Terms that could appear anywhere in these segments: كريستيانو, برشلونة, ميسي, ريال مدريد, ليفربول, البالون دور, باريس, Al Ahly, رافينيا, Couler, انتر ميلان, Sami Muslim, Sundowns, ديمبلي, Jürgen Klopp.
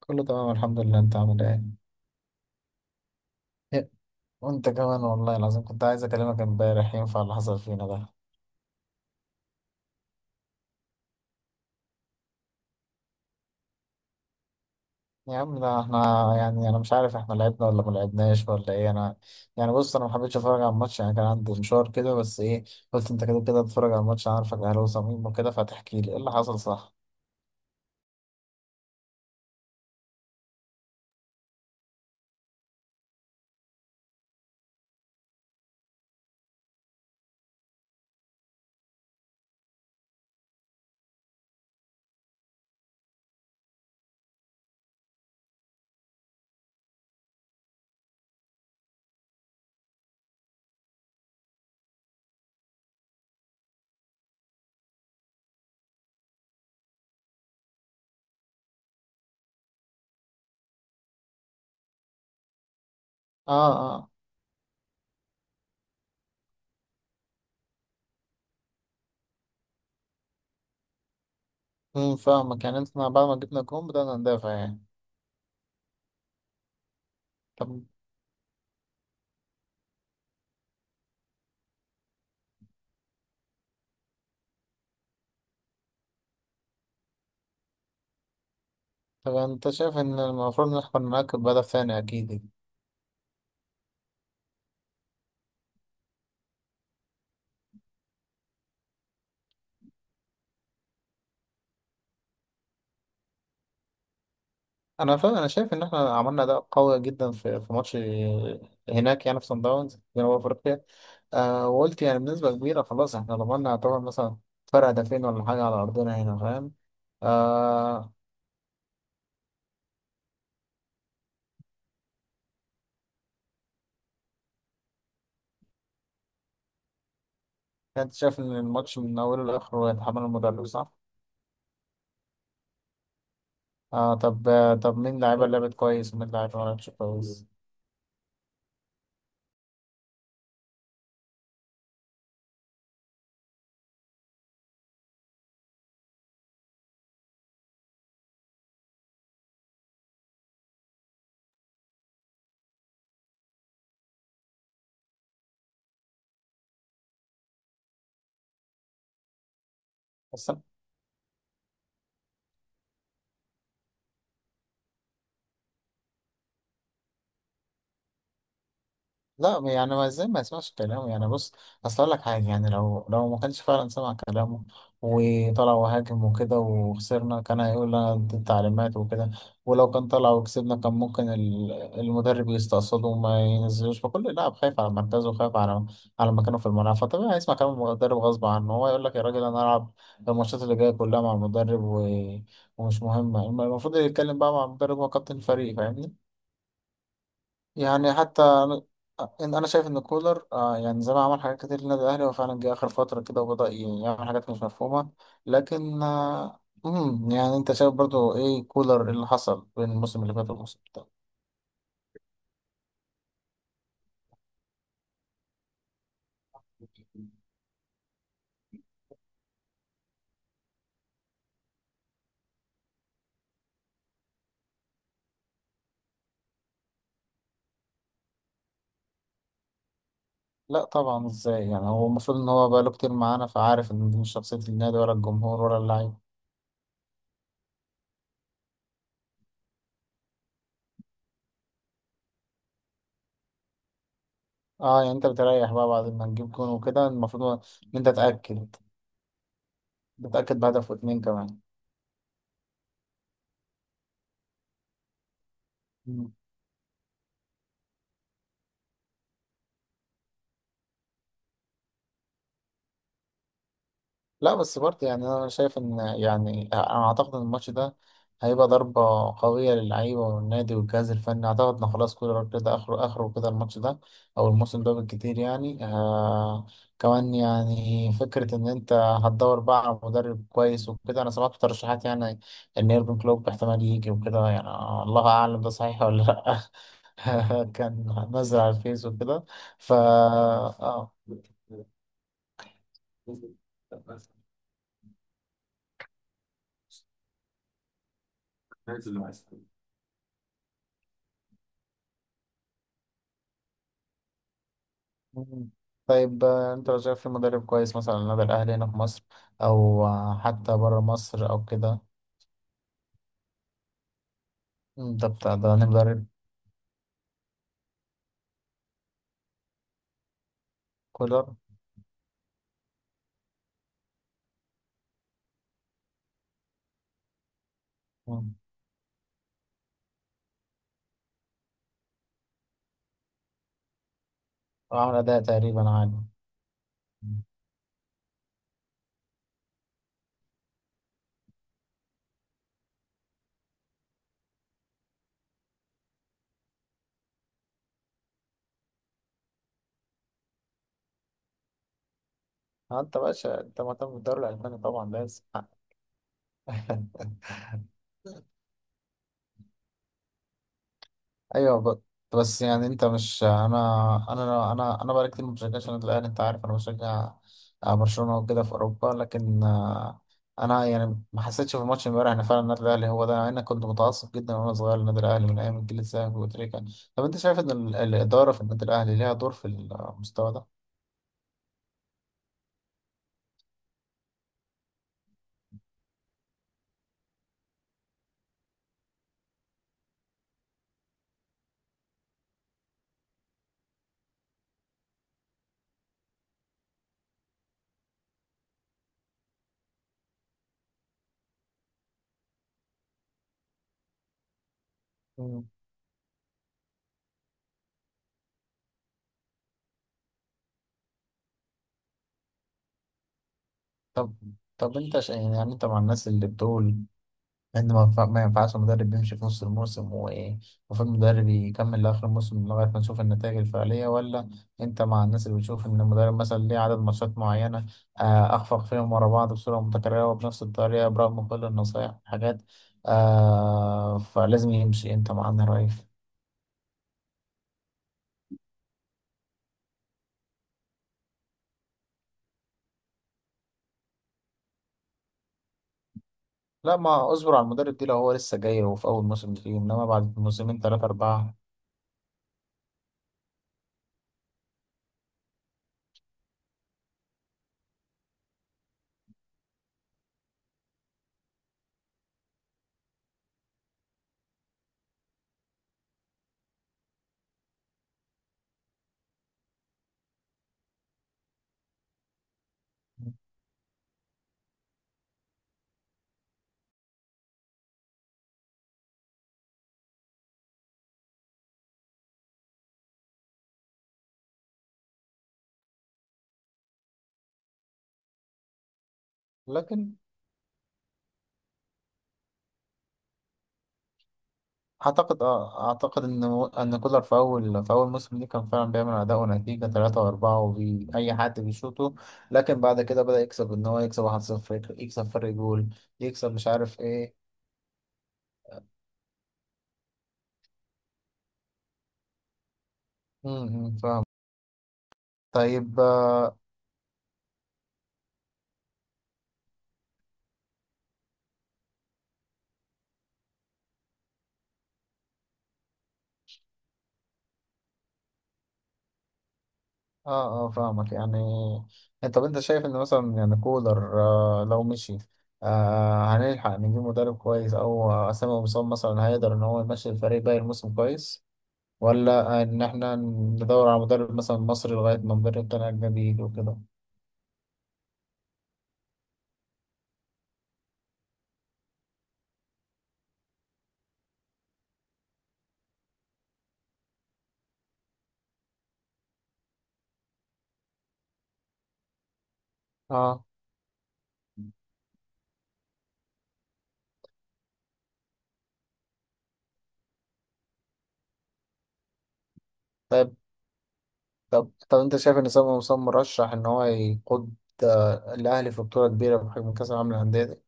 كله تمام، الحمد لله. انت عامل ايه؟ إيه، وانت كمان. والله العظيم كنت عايز اكلمك امبارح. ينفع اللي حصل فينا ده؟ يا عم ده احنا، يعني انا مش عارف احنا لعبنا ولا ما لعبناش ولا ايه. انا يعني بص، انا ما حبيتش اتفرج على الماتش، يعني كان عندي مشوار كده. بس ايه، قلت انت كده كده تتفرج على الماتش، انا عارفك اهلاوي صميم وكده، فتحكي لي ايه اللي حصل، صح؟ اه، اه. فاهمك. يعني انت بعد ما جبنا جون بدأنا ندافع يعني؟ طب طب انت شايف ان المفروض نحكم معاك بهدف ثاني، اكيد. انا شايف ان احنا عملنا اداء قوي جدا في في ماتش هناك، يعني في صن داونز جنوب افريقيا. آه، وقلت يعني بنسبه كبيره خلاص احنا ضمننا، يعتبر مثلا فرق هدفين ولا حاجه على ارضنا هنا، فاهم؟ آه، كنت شايف ان الماتش من اوله لاخره يتحمل المدرب، صح؟ طب مين لعيبه لعبت كويس ومين لعيبه ما لعبتش كويس؟ بس. لا، يعني ما ازاي ما يسمعش كلامه؟ يعني بص، اصل اقول لك حاجه، يعني لو ما كانش فعلا سمع كلامه وطلع وهاجم وكده وخسرنا، كان هيقول لنا دي التعليمات وكده. ولو كان طلع وكسبنا، كان ممكن المدرب يستقصده وما ينزلوش. فكل لاعب خايف على مركزه وخايف على مكانه في الملعب، فطبيعي هيسمع كلام المدرب غصب عنه. هو يقول لك يا راجل انا العب الماتشات اللي جايه كلها مع المدرب و... ومش مهمه. المفروض يتكلم بقى مع المدرب، هو كابتن الفريق، فاهمني؟ يعني حتى أنا، أنا شايف إن كولر يعني زي ما عمل حاجات كتير للنادي الأهلي، هو فعلا جه آخر فترة كده وبدأ يعمل حاجات مش مفهومة. لكن يعني أنت شايف برضو إيه كولر، اللي حصل بين الموسم اللي فات والموسم ده؟ لا طبعا، إزاي يعني؟ هو المفروض إن هو بقاله كتير معانا، فعارف إن دي مش شخصية النادي ولا الجمهور ولا اللعيب. أه، يعني أنت بتريح بقى بعد ما تجيب جون وكده. المفروض إن أنت تأكد، بتأكد بهدف واتنين كمان. لا بس برضه، يعني انا شايف ان، يعني انا اعتقد ان الماتش ده هيبقى ضربة قوية للعيبة والنادي والجهاز الفني. اعتقد ان خلاص كولر كده اخره، اخره كده الماتش ده او الموسم ده بالكتير. يعني كمان، يعني فكرة ان انت هتدور بقى على مدرب كويس وكده. انا سمعت ترشيحات يعني ان يورجن كلوب احتمال يجي وكده يعني. الله اعلم ده صحيح ولا لا؟ كان نزل على الفيس وكده. ف آه. مم. طيب انت لو شايف في مدرب كويس مثلا على النادي الاهلي هنا في مصر، او حتى بره مصر او كده؟ مم، ده بتاع ده أنا مدرب كولر. مم. وعمل اداء تقريبا عالي. مم. انت باشا انت مهتم بالدوري الالماني طبعا، لازم. ايوه ب- بس يعني انت مش، انا بقالي كتير ما بشجعش النادي الاهلي. انت عارف انا بشجع برشلونه وكده في اوروبا. لكن انا يعني ما حسيتش في الماتش امبارح ان فعلا النادي الاهلي هو ده. يعني انا كنت متعصب جدا وانا صغير للنادي الاهلي من ايام الجيل الذهبي وتريكا. طب انت شايف ان الاداره في النادي الاهلي ليها دور في المستوى ده؟ مم. طب طب يعني انت مع الناس اللي بتقول لأن ما ينفعش المدرب بيمشي في نص الموسم، ومفروض المدرب يكمل لآخر الموسم لغاية ما نشوف النتائج الفعلية؟ ولا أنت مع الناس اللي بتشوف إن المدرب مثلا ليه عدد ماتشات معينة أخفق فيهم ورا بعض بصورة متكررة وبنفس الطريقة برغم كل النصايح والحاجات، فلازم يمشي؟ أنت مع أنهي رأي؟ لا، ما أصبر على المدرب دي لو هو لسه جاي وفي أول موسم فيه، إنما بعد موسمين تلاتة أربعة. لكن اعتقد، اعتقد ان كولر في اول، موسم ليه كان فعلا بيعمل اداء ونتيجه 3 و4 وبي اي حد بيشوطه. لكن بعد كده بدأ يكسب، ان هو يكسب 1-0، يكسب فرق جول، يكسب مش عارف ايه. إمم، فاهم. طيب اه، اه، آه، فاهمك. يعني انت، طب انت شايف ان مثلا يعني كولر لو مشي، هنلحق نجيب مدرب كويس؟ او اسامه مصاب مثلا هيقدر ان هو يمشي الفريق باقي الموسم كويس؟ ولا إن إحنا ندور على مدرب مثلا مصري لغاية ما مدرب تاني أجنبي يجي وكده؟ اه. طيب طب أنت شايف إن سامي مسلم مرشح إن هو يقود الأهلي في بطولة كبيرة بحجم كأس العالم للأندية دي؟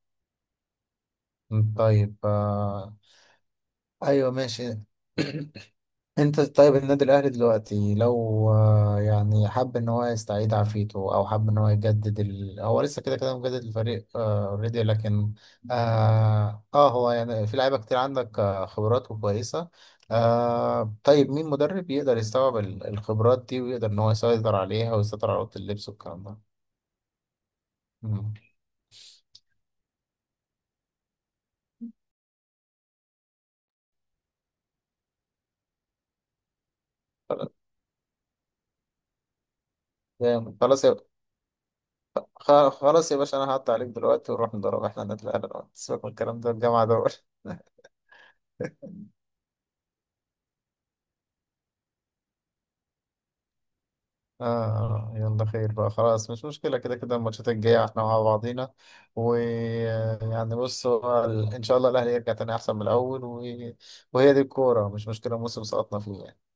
مم، طيب أيوه ماشي. انت طيب النادي الاهلي دلوقتي لو يعني حب ان هو يستعيد عافيته او حب ان هو يجدد ال... هو لسه كده كده مجدد الفريق اوريدي. لكن هو يعني في لعيبه كتير عندك، خبرات وكويسه. طيب مين مدرب يقدر يستوعب الخبرات دي ويقدر ان هو يسيطر عليها ويسيطر على اوضه اللبس والكلام ده؟ مم. جامد. خلاص يا باشا، انا هقطع عليك دلوقتي ونروح نضرب احنا النادي الاهلي دلوقتي. سيبك من الكلام ده، الجامعه دول. آه، آه، يلا خير بقى، خلاص مش مشكلة. كده كده الماتشات الجاية احنا مع بعضينا. ويعني بص، هو إن شاء الله الأهلي يرجع تاني أحسن من الأول و... وهي دي الكورة، مش مشكلة موسم سقطنا فيه.